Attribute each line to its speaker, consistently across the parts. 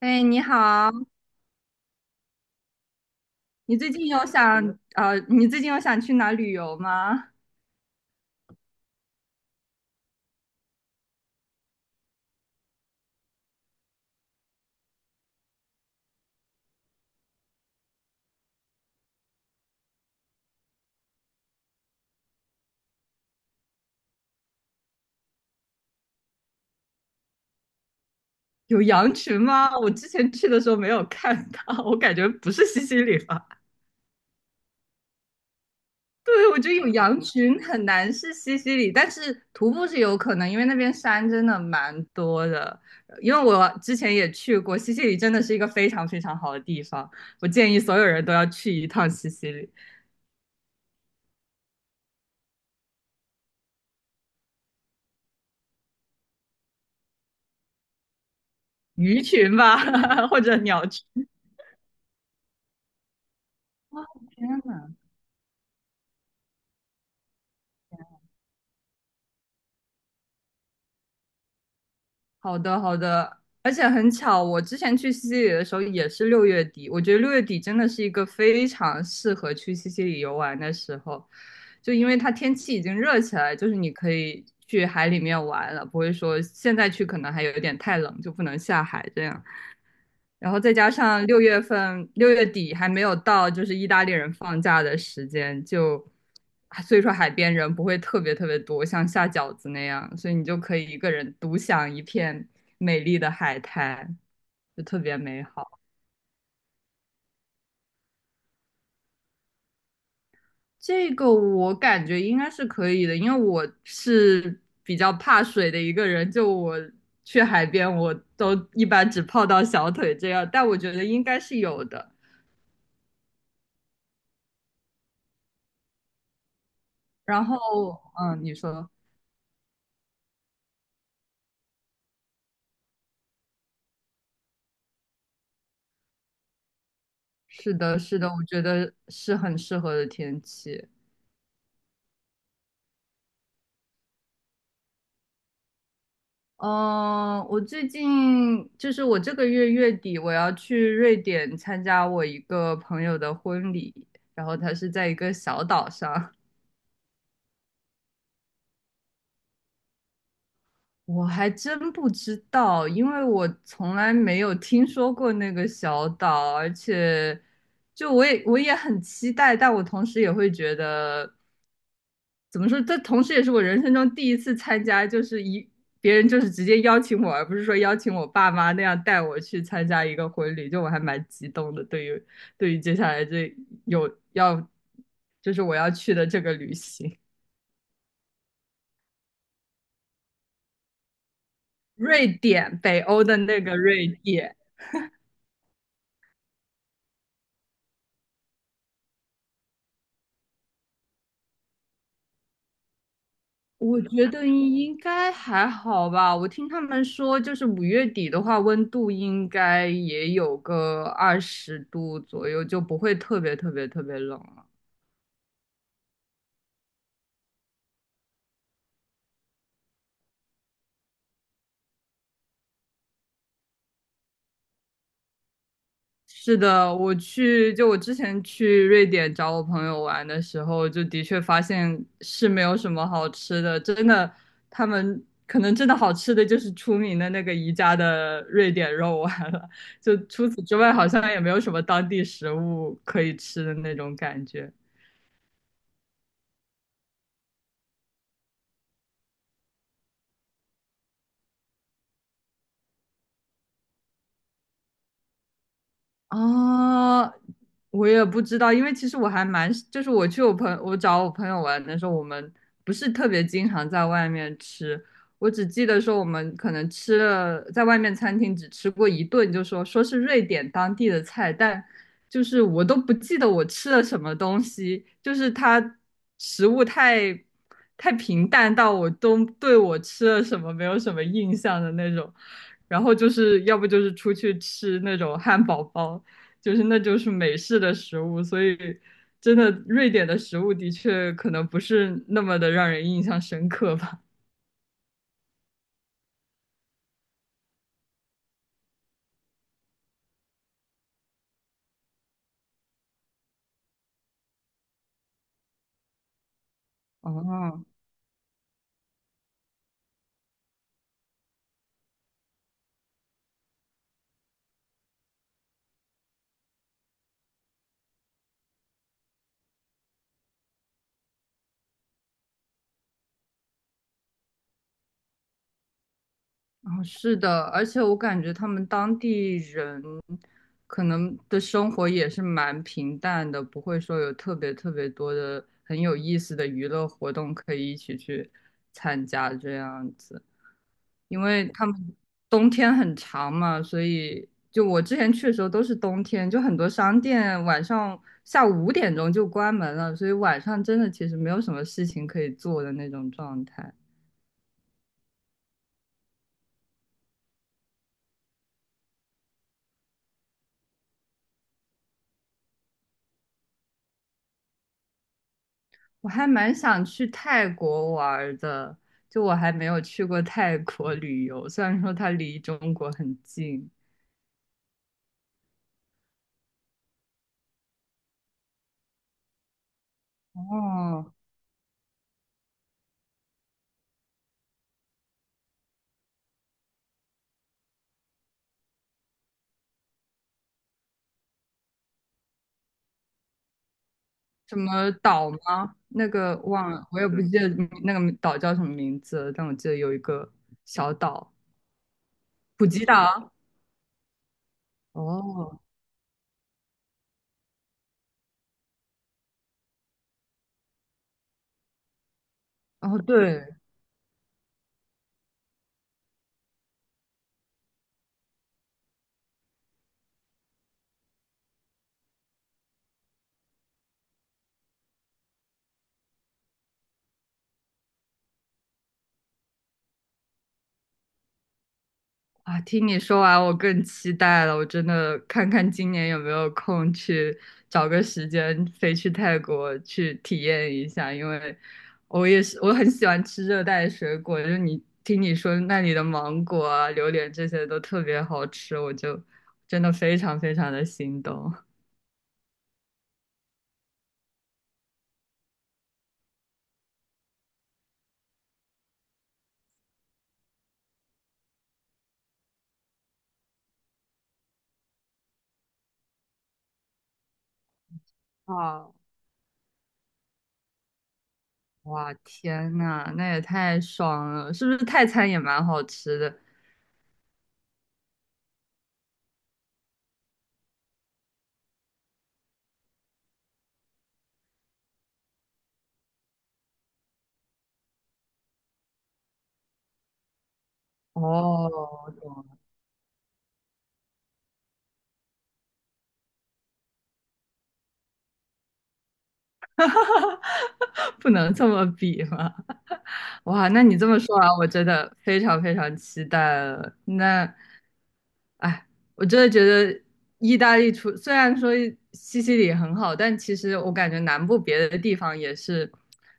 Speaker 1: 哎，你好，你最近有想去哪旅游吗？有羊群吗？我之前去的时候没有看到，我感觉不是西西里吧？对，我觉得有羊群很难是西西里，但是徒步是有可能，因为那边山真的蛮多的。因为我之前也去过，西西里真的是一个非常非常好的地方，我建议所有人都要去一趟西西里，鱼群吧，或者鸟群。哦，天呐！好的，好的，而且很巧，我之前去西西里的时候也是六月底，我觉得六月底真的是一个非常适合去西西里游玩的时候，就因为它天气已经热起来，就是你可以去海里面玩了，不会说现在去可能还有点太冷，就不能下海这样。然后再加上6月份六月底还没有到，就是意大利人放假的时间，就啊所以说海边人不会特别特别多，像下饺子那样，所以你就可以一个人独享一片美丽的海滩，就特别美好。这个我感觉应该是可以的，因为我是比较怕水的一个人，就我去海边我都一般只泡到小腿这样，但我觉得应该是有的。然后，嗯，你说。是的，是的，我觉得是很适合的天气。嗯，我最近就是我这个月月底我要去瑞典参加我一个朋友的婚礼，然后他是在一个小岛上，我还真不知道，因为我从来没有听说过那个小岛，而且就我也很期待，但我同时也会觉得。怎么说？这同时也是我人生中第一次参加，就是一别人就是直接邀请我，而不是说邀请我爸妈那样带我去参加一个婚礼，就我还蛮激动的。对于接下来这有要，就是我要去的这个旅行，瑞典，北欧的那个瑞典。我觉得应该还好吧。我听他们说，就是5月底的话，温度应该也有个20度左右，就不会特别特别特别冷了。是的，就我之前去瑞典找我朋友玩的时候，就的确发现是没有什么好吃的，真的，他们可能真的好吃的就是出名的那个宜家的瑞典肉丸了，就除此之外，好像也没有什么当地食物可以吃的那种感觉。啊，我也不知道，因为其实我还蛮，就是我找我朋友玩的时候，我们不是特别经常在外面吃，我只记得说我们可能吃了在外面餐厅只吃过一顿，就说是瑞典当地的菜，但就是我都不记得我吃了什么东西，就是它食物太平淡到我都对我吃了什么没有什么印象的那种，然后就是要不就是出去吃那种汉堡包。就是那就是美式的食物，所以真的瑞典的食物的确可能不是那么的让人印象深刻吧。哦，哦，是的，而且我感觉他们当地人可能的生活也是蛮平淡的，不会说有特别特别多的很有意思的娱乐活动可以一起去参加这样子，因为他们冬天很长嘛，所以就我之前去的时候都是冬天，就很多商店晚上下午5点钟就关门了，所以晚上真的其实没有什么事情可以做的那种状态。我还蛮想去泰国玩儿的，就我还没有去过泰国旅游，虽然说它离中国很近。哦，什么岛吗？那个忘了，我也不记得那个岛叫什么名字但我记得有一个小岛，普吉岛。哦，哦，对，啊，听你说完，我更期待了。我真的看看今年有没有空去找个时间飞去泰国去体验一下，因为我也是我很喜欢吃热带水果，就是你说那里的芒果啊、榴莲这些都特别好吃，我就真的非常非常的心动。啊，哇，天呐，那也太爽了！是不是泰餐也蛮好吃的？哦，我懂了 不能这么比嘛。哇，那你这么说完，我真的非常非常期待了。那，哎，我真的觉得意大利虽然说西西里很好，但其实我感觉南部别的地方也是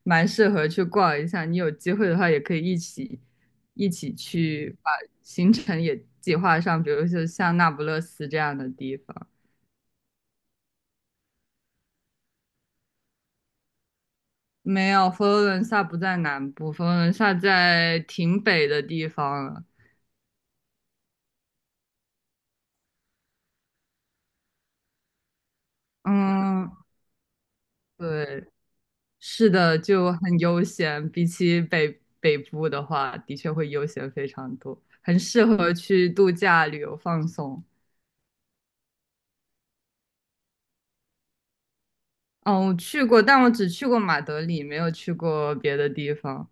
Speaker 1: 蛮适合去逛一下。你有机会的话，也可以一起一起去把行程也计划上，比如说像那不勒斯这样的地方。没有，佛罗伦萨不在南部，佛罗伦萨在挺北的地方了。嗯，对。是的，就很悠闲，比起北部的话，的确会悠闲非常多，很适合去度假、旅游、放松。嗯，我去过，但我只去过马德里，没有去过别的地方，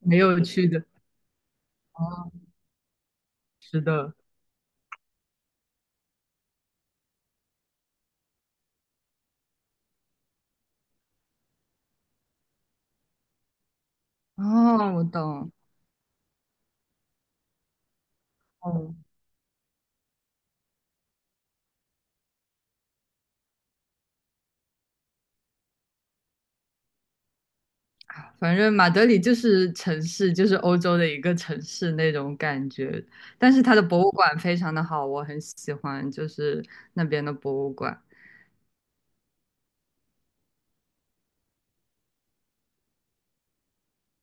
Speaker 1: 没有去的。哦，是的，哦，我懂。哦，反正马德里就是城市，就是欧洲的一个城市那种感觉，但是它的博物馆非常的好，我很喜欢，就是那边的博物馆。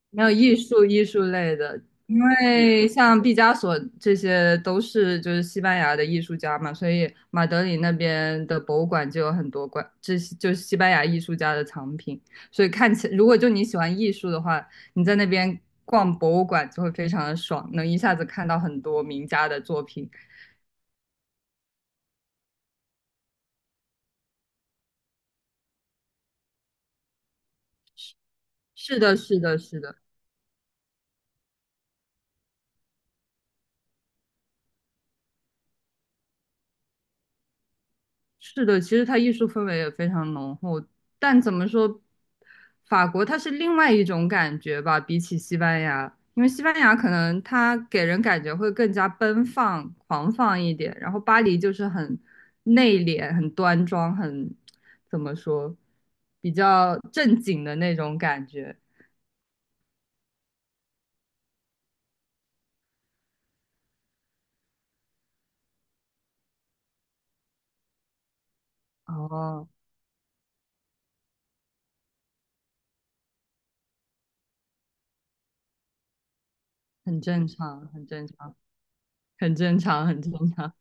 Speaker 1: 没有艺术类的，因为像毕加索这些都是就是西班牙的艺术家嘛，所以马德里那边的博物馆就有很多馆，这些就是西班牙艺术家的藏品，所以看起如果就你喜欢艺术的话，你在那边逛博物馆就会非常的爽，能一下子看到很多名家的作品。是的，是的，是的。是的，其实它艺术氛围也非常浓厚，但怎么说，法国它是另外一种感觉吧，比起西班牙，因为西班牙可能它给人感觉会更加奔放、狂放一点，然后巴黎就是很内敛、很端庄、很怎么说，比较正经的那种感觉。哦，很正常，很正常，很正常，很正常。